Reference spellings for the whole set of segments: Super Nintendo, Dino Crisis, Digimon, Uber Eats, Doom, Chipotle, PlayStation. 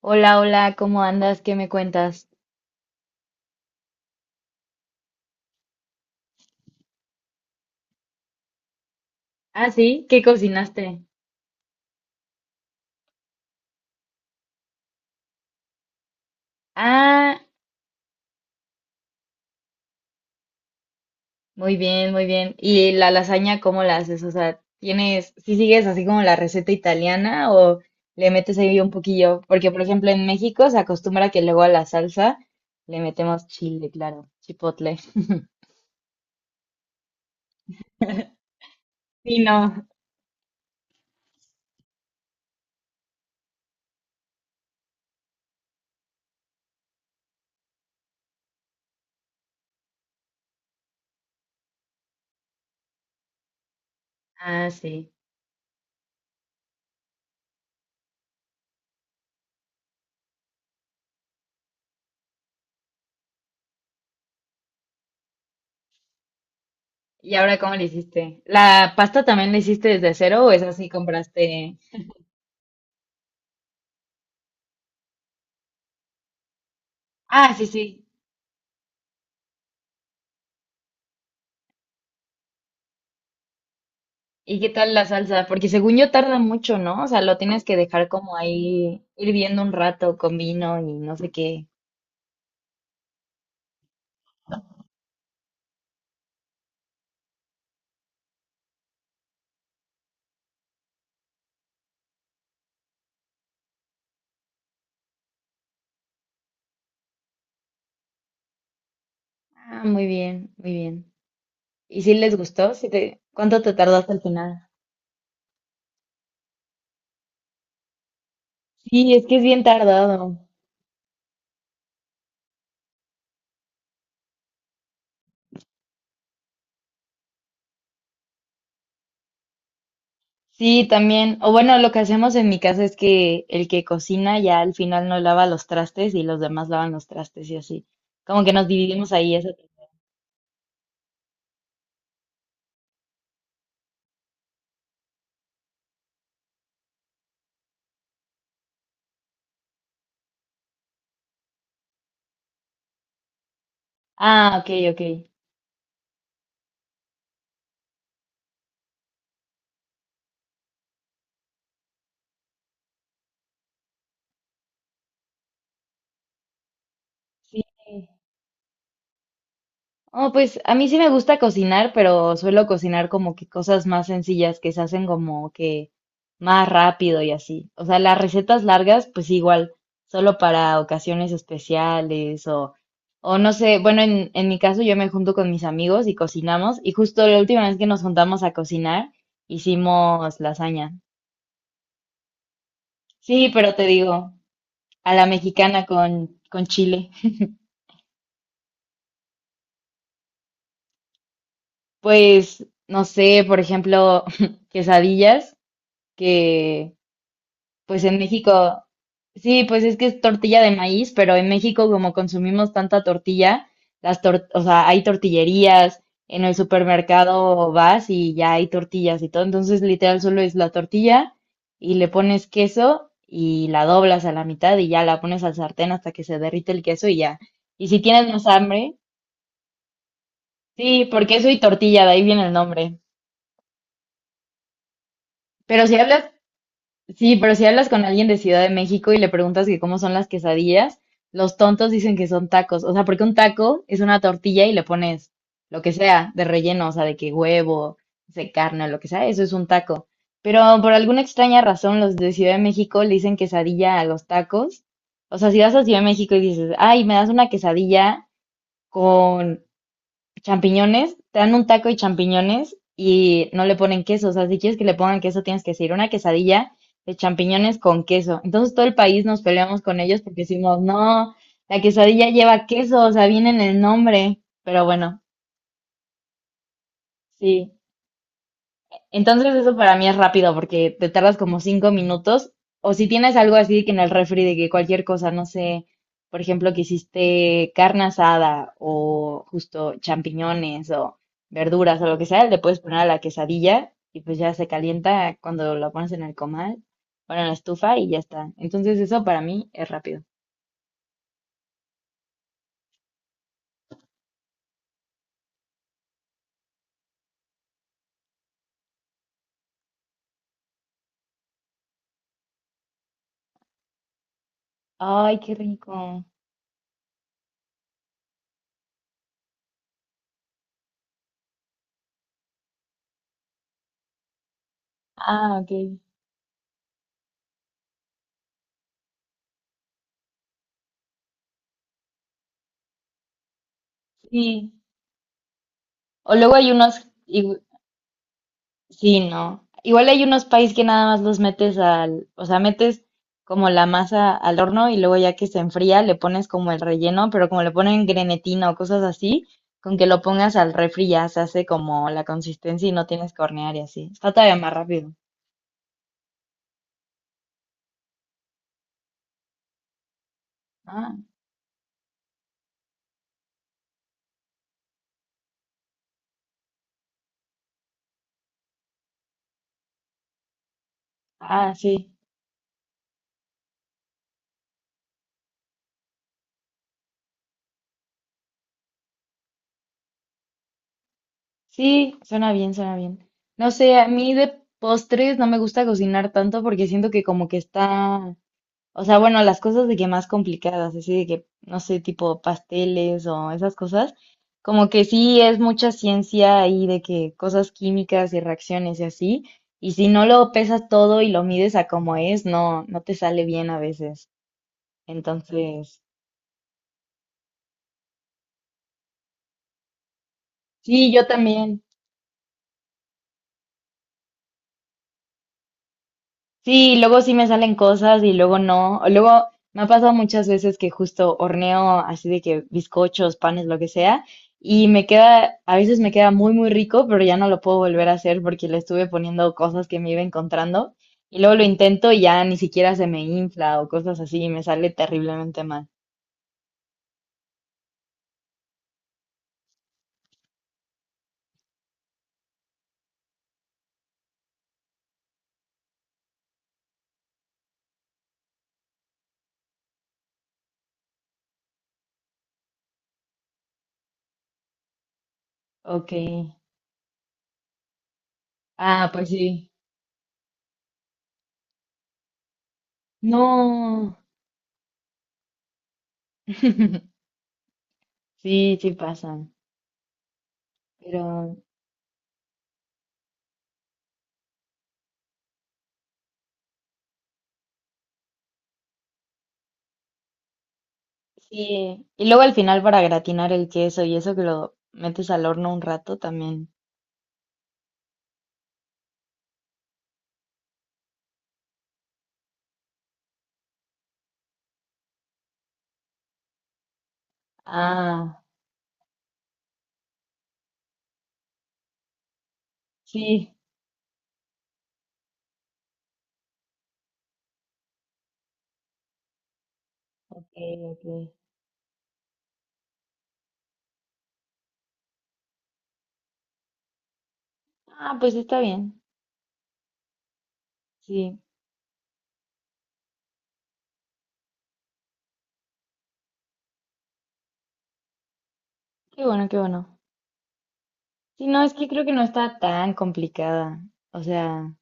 Hola, hola, ¿cómo andas? ¿Qué me cuentas? Ah, sí, ¿qué cocinaste? Ah, muy bien, muy bien. ¿Y la lasaña cómo la haces? O sea, ¿tienes, si sigues así como la receta italiana o le metes ahí un poquillo? Porque, por ejemplo, en México se acostumbra que luego a la salsa le metemos chile, claro, chipotle. Sí, no. Ah, sí. ¿Y ahora cómo le hiciste? ¿La pasta también la hiciste desde cero o es así compraste? Ah, sí, sí. ¿Y qué tal la salsa? Porque según yo tarda mucho, ¿no? O sea, lo tienes que dejar como ahí hirviendo un rato con vino y no sé qué. Ah, muy bien, muy bien. ¿Y si les gustó? ¿Si te... ¿Cuánto te tardaste al final? Sí, es que es bien tardado. Sí, también. O bueno, lo que hacemos en mi casa es que el que cocina ya al final no lava los trastes y los demás lavan los trastes y así. Como que nos dividimos ahí eso. Ah, ok, ok. Sí. Oh, pues a mí sí me gusta cocinar, pero suelo cocinar como que cosas más sencillas que se hacen como que más rápido y así. O sea, las recetas largas, pues sí, igual, solo para ocasiones especiales o no sé, bueno, en mi caso yo me junto con mis amigos y cocinamos y justo la última vez que nos juntamos a cocinar hicimos lasaña. Sí, pero te digo, a la mexicana con chile. Pues, no sé, por ejemplo, quesadillas que... Pues en México, sí, pues es que es tortilla de maíz, pero en México como consumimos tanta tortilla, o sea, hay tortillerías, en el supermercado vas y ya hay tortillas y todo, entonces literal solo es la tortilla y le pones queso y la doblas a la mitad y ya la pones al sartén hasta que se derrite el queso y ya. Y si tienes más hambre, sí, por queso y tortilla, de ahí viene el nombre. Pero si hablas sí, pero si hablas con alguien de Ciudad de México y le preguntas que cómo son las quesadillas, los tontos dicen que son tacos. O sea, porque un taco es una tortilla y le pones lo que sea de relleno, o sea, de que huevo, de carne, lo que sea, eso es un taco. Pero por alguna extraña razón, los de Ciudad de México le dicen quesadilla a los tacos. O sea, si vas a Ciudad de México y dices, ay, me das una quesadilla con champiñones, te dan un taco y champiñones y no le ponen queso. O sea, si quieres que le pongan queso, tienes que decir una quesadilla de champiñones con queso. Entonces todo el país nos peleamos con ellos porque decimos, no, la quesadilla lleva queso, o sea, viene en el nombre. Pero bueno, sí. Entonces eso para mí es rápido porque te tardas como 5 minutos. O si tienes algo así que en el refri de que cualquier cosa, no sé, por ejemplo, que hiciste carne asada o justo champiñones o verduras o lo que sea, le puedes poner a la quesadilla y pues ya se calienta cuando lo pones en el comal, bueno, en la estufa y ya está. Entonces eso para mí es rápido. Ay, qué rico. Ah, ok. Sí. O luego hay unos, sí, no. Igual hay unos países que nada más los metes al, o sea, metes como la masa al horno y luego ya que se enfría le pones como el relleno, pero como le ponen grenetina o cosas así, con que lo pongas al refri ya se hace como la consistencia y no tienes que hornear y así. Está todavía más rápido. Ah, ah, sí. Sí, suena bien, suena bien. No sé, a mí de postres no me gusta cocinar tanto porque siento que como que está. O sea, bueno, las cosas de que más complicadas, así de que, no sé, tipo pasteles o esas cosas, como que sí es mucha ciencia ahí de que cosas químicas y reacciones y así, y si no lo pesas todo y lo mides a como es, no, no te sale bien a veces. Entonces, sí, yo también. Sí, luego sí me salen cosas y luego no. O luego me ha pasado muchas veces que justo horneo así de que bizcochos, panes, lo que sea, y me queda, a veces me queda muy, muy rico, pero ya no lo puedo volver a hacer porque le estuve poniendo cosas que me iba encontrando. Y luego lo intento y ya ni siquiera se me infla o cosas así y me sale terriblemente mal. Ok. Ah, pues sí. No. Sí, sí pasan. Pero sí, y luego al final para gratinar el queso y eso que lo metes al horno un rato también. Ah, sí. Ok, ok. Ah, pues está bien. Sí, qué bueno, qué bueno. Sí, no, es que creo que no está tan complicada. O sea,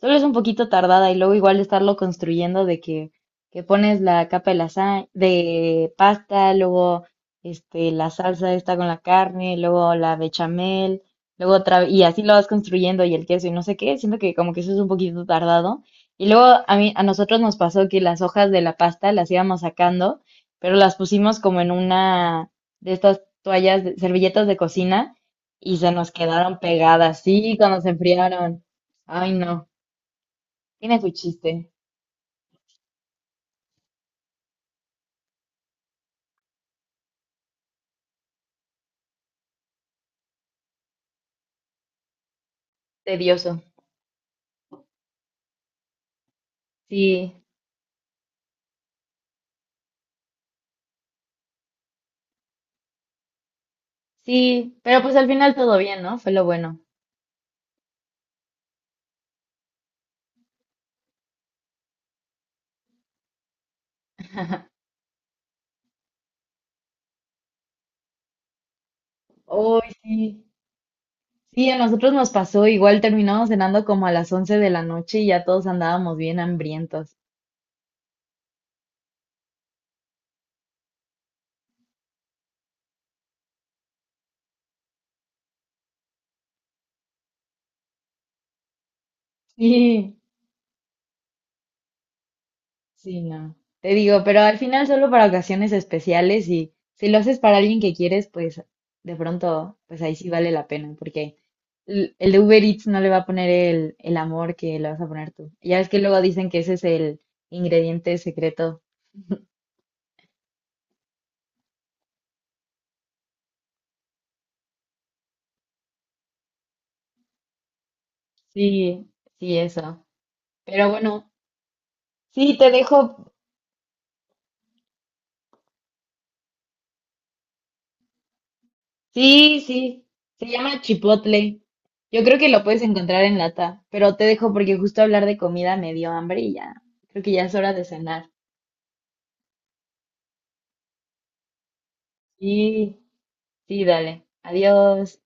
solo es un poquito tardada y luego igual estarlo construyendo de que pones la capa de de pasta, luego este, la salsa esta con la carne, luego la bechamel, luego otra, y así lo vas construyendo y el queso y no sé qué, siento que como que eso es un poquito tardado. Y luego a mí, a nosotros nos pasó que las hojas de la pasta las íbamos sacando, pero las pusimos como en una de estas toallas, servilletas de cocina y se nos quedaron pegadas, sí, cuando se enfriaron. Ay, no. Tiene su chiste, tedioso. Sí, sí, pero pues al final todo bien, ¿no? Fue lo bueno. Uy, sí. Sí, a nosotros nos pasó, igual terminamos cenando como a las 11 de la noche y ya todos andábamos bien hambrientos. Sí, sí, no. Te digo, pero al final solo para ocasiones especiales y si lo haces para alguien que quieres, pues de pronto, pues ahí sí vale la pena, porque el de Uber Eats no le va a poner el amor que le vas a poner tú. Ya ves que luego dicen que ese es el ingrediente secreto. Sí, sí, eso. Pero bueno, sí, te dejo. Sí, sí. Se llama Chipotle. Yo creo que lo puedes encontrar en lata, pero te dejo porque justo hablar de comida me dio hambre y ya. Creo que ya es hora de cenar. Sí, sí, dale. Adiós.